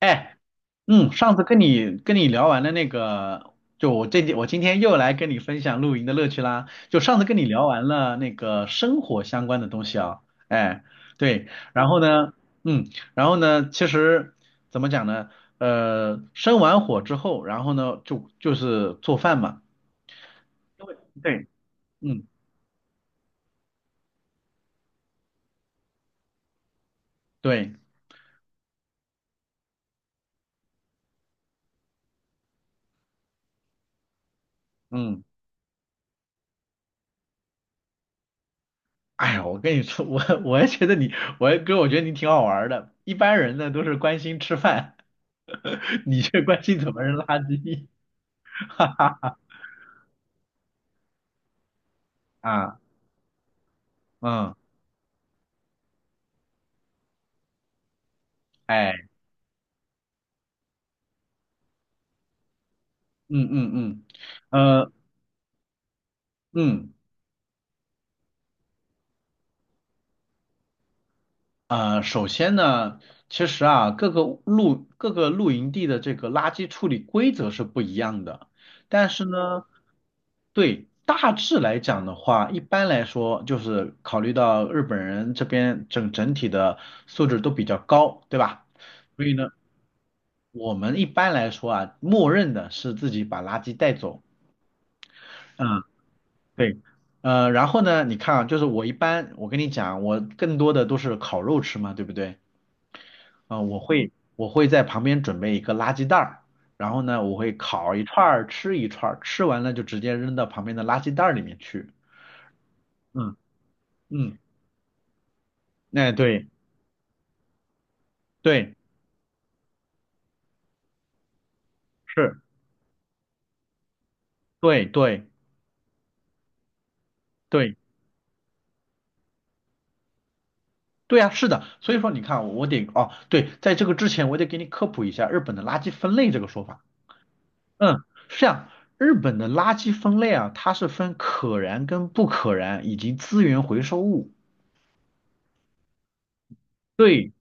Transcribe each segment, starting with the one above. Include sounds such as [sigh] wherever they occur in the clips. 哎，嗯，上次跟你聊完了那个，就我今天又来跟你分享露营的乐趣啦。就上次跟你聊完了那个生活相关的东西啊。哎，对。然后呢，嗯，然后呢，其实怎么讲呢？生完火之后，然后呢，就是做饭嘛。因为对，嗯，对，嗯。哎呀，我跟你说，我也觉得你，我也哥，我觉得你挺好玩儿的。一般人呢都是关心吃饭。[laughs] 你这关心怎么扔垃圾？[laughs] 哈哈啊，嗯，哎，嗯嗯嗯，呃，嗯，首先呢，其实啊，各个露营地的这个垃圾处理规则是不一样的。但是呢，对，大致来讲的话，一般来说就是考虑到日本人这边整体的素质都比较高，对吧？所以呢，我们一般来说啊，默认的是自己把垃圾带走。嗯，对，然后呢，你看啊，就是我一般，我跟你讲啊，我更多的都是烤肉吃嘛，对不对？啊、我会在旁边准备一个垃圾袋儿，然后呢，我会烤一串儿，吃一串儿，吃完了就直接扔到旁边的垃圾袋儿里面去。嗯嗯，那对对是，对对对对啊，是的。所以说你看啊，哦，对，在这个之前我得给你科普一下日本的垃圾分类这个说法。嗯，是这样。日本的垃圾分类啊，它是分可燃跟不可燃，以及资源回收物。对，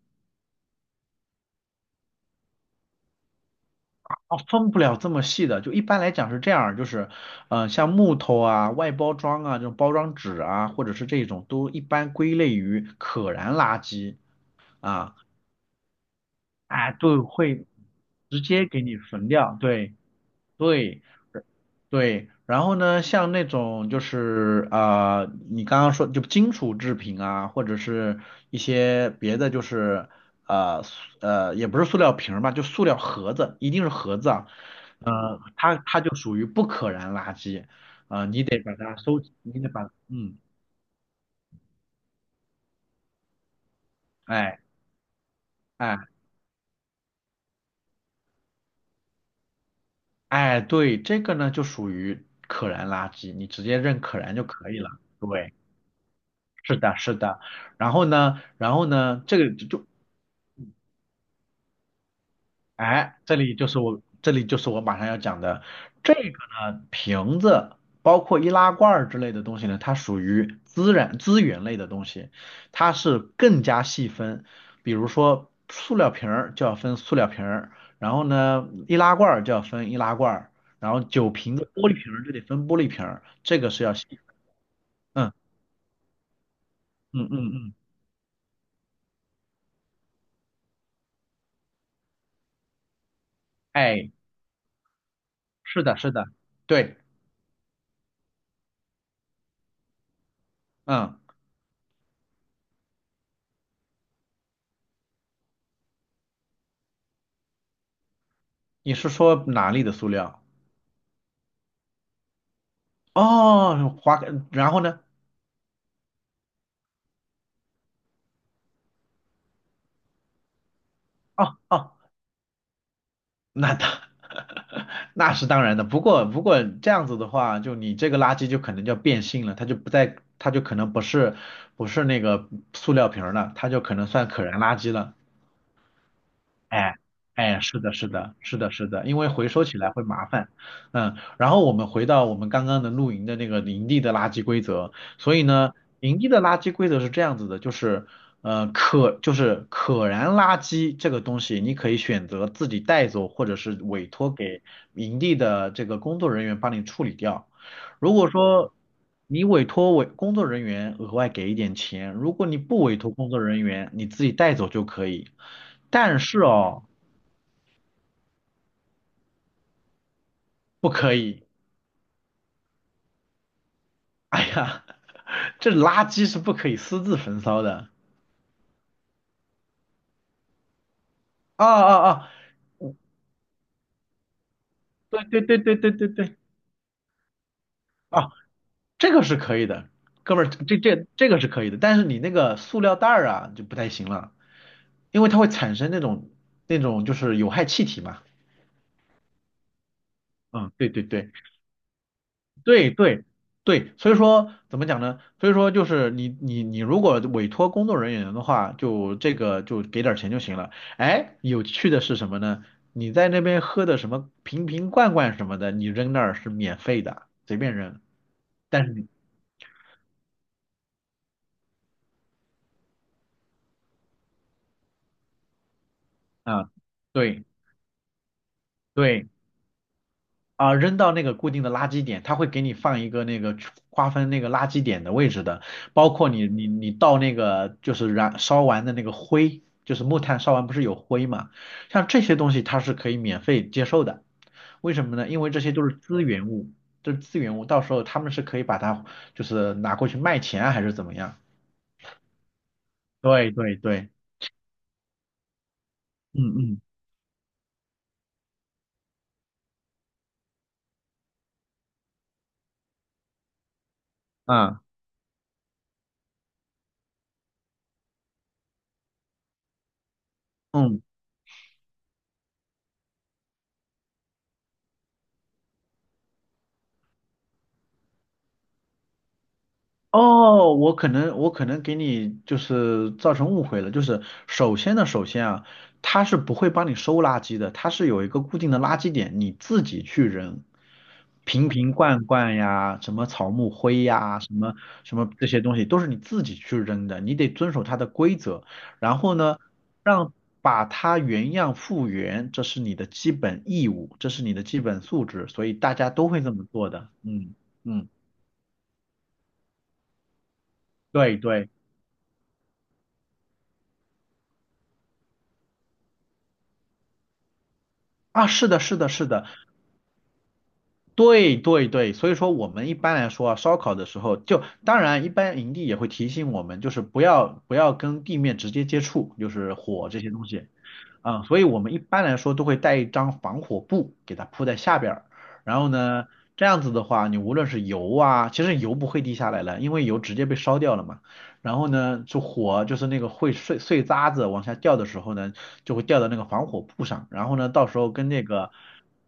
啊，分不了这么细的。就一般来讲是这样，就是，像木头啊、外包装啊、这种包装纸啊，或者是这种，都一般归类于可燃垃圾啊。哎，对，会直接给你焚掉。对对，对。然后呢，像那种就是啊、你刚刚说就金属制品啊，或者是一些别的，就是呃塑呃，也不是塑料瓶儿吧，就塑料盒子，一定是盒子啊。它就属于不可燃垃圾。啊、你得把它收，你得把，嗯，哎哎哎，对，这个呢就属于可燃垃圾，你直接认可燃就可以了。对。是的，是的。然后呢，这个就哎，这里就是我马上要讲的这个呢，瓶子包括易拉罐儿之类的东西呢，它属于资源类的东西，它是更加细分，比如说塑料瓶儿就要分塑料瓶儿，然后呢，易拉罐儿就要分易拉罐儿，然后酒瓶子、玻璃瓶儿就得分玻璃瓶儿，这个是要细分。嗯嗯嗯嗯，哎，是的，是的，对，嗯。你是说哪里的塑料？哦，花，然后呢？[laughs] 哦哦，那当 [laughs] 那是当然的。不过这样子的话，就你这个垃圾就可能叫变性了，它就可能不是那个塑料瓶儿了，它就可能算可燃垃圾了。哎哎，是的，是的，是的，是的。因为回收起来会麻烦。嗯，然后我们回到我们刚刚的露营的那个营地的垃圾规则。所以呢，营地的垃圾规则是这样子的，就是就是可燃垃圾这个东西，你可以选择自己带走，或者是委托给营地的这个工作人员帮你处理掉。如果说你委托工作人员额外给一点钱，如果你不委托工作人员，你自己带走就可以。但是哦，不可以。哎呀，[laughs] 这垃圾是不可以私自焚烧的。啊啊啊！对对对对对对对，啊，这个是可以的，哥们儿，这个是可以的，但是你那个塑料袋儿啊就不太行了，因为它会产生那种就是有害气体嘛。嗯，对对对，对对对。所以说怎么讲呢？所以说就是你如果委托工作人员的话，就这个就给点儿钱就行了。哎，有趣的是什么呢？你在那边喝的什么瓶瓶罐罐什么的，你扔那儿是免费的，随便扔。但是你啊，对对。啊，扔到那个固定的垃圾点，它会给你放一个那个区划分那个垃圾点的位置的，包括你倒那个就是燃烧完的那个灰，就是木炭烧完不是有灰嘛，像这些东西它是可以免费接受的。为什么呢？因为这些都是资源物，这是资源物，到时候他们是可以把它就是拿过去卖钱啊，还是怎么样？对对对，嗯嗯啊嗯。哦，我可能给你就是造成误会了，就是首先啊，他是不会帮你收垃圾的，它是有一个固定的垃圾点，你自己去扔。瓶瓶罐罐呀，什么草木灰呀，什么什么这些东西都是你自己去扔的，你得遵守它的规则。然后呢，让把它原样复原，这是你的基本义务，这是你的基本素质，所以大家都会这么做的。嗯嗯，对对。啊，是的，是的，是的，对对对。所以说我们一般来说啊，烧烤的时候就，当然一般营地也会提醒我们，就是不要跟地面直接接触，就是火这些东西。啊，所以我们一般来说都会带一张防火布给它铺在下边儿，然后呢，这样子的话，你无论是油啊，其实油不会滴下来了，因为油直接被烧掉了嘛。然后呢，就火就是那个会碎碎渣子往下掉的时候呢，就会掉到那个防火布上，然后呢，到时候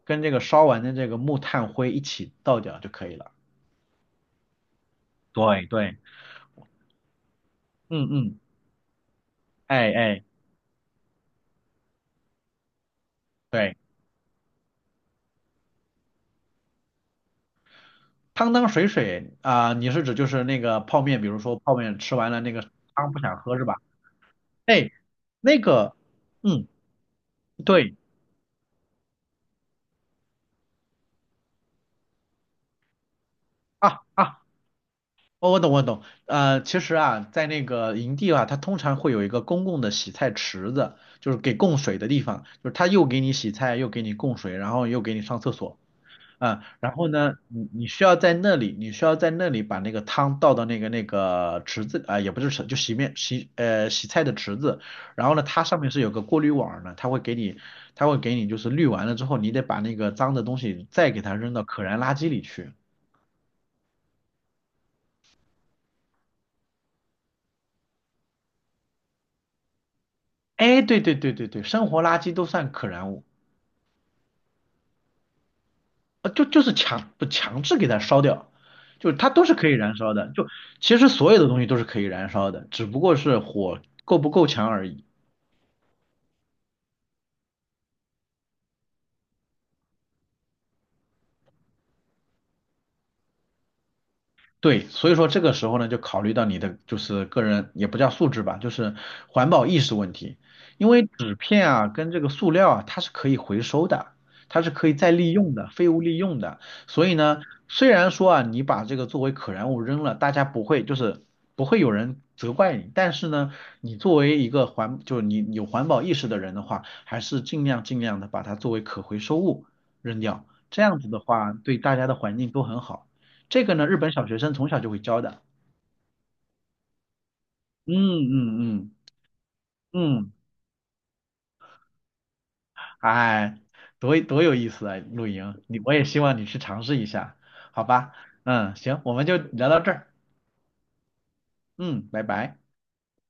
跟这个烧完的这个木炭灰一起倒掉就可以了。对对，嗯嗯，哎哎，对，汤汤水水啊、你是指就是那个泡面，比如说泡面吃完了那个汤不想喝是吧？哎，那个，嗯，对啊啊。哦，我懂，我懂。其实啊，在那个营地啊，它通常会有一个公共的洗菜池子，就是给供水的地方，就是它又给你洗菜，又给你供水，然后又给你上厕所。嗯，然后呢，你需要在那里把那个汤倒到那个池子啊、也不是池，就洗面洗呃洗菜的池子。然后呢，它上面是有个过滤网的，它会给你就是滤完了之后，你得把那个脏的东西再给它扔到可燃垃圾里去。哎，对对对对对，生活垃圾都算可燃物。就是强不强制给它烧掉，就是它都是可以燃烧的，其实所有的东西都是可以燃烧的，只不过是火够不够强而已。对，所以说这个时候呢，就考虑到你的就是个人也不叫素质吧，就是环保意识问题。因为纸片啊跟这个塑料啊，它是可以回收的，它是可以再利用的，废物利用的。所以呢，虽然说啊你把这个作为可燃物扔了，大家不会就是不会有人责怪你，但是呢，你作为一个环就是你有环保意识的人的话，还是尽量的把它作为可回收物扔掉，这样子的话对大家的环境都很好。这个呢，日本小学生从小就会教的。嗯嗯嗯嗯，哎，多多有意思啊！露营，我也希望你去尝试一下，好吧？嗯，行，我们就聊到这儿。嗯，拜拜。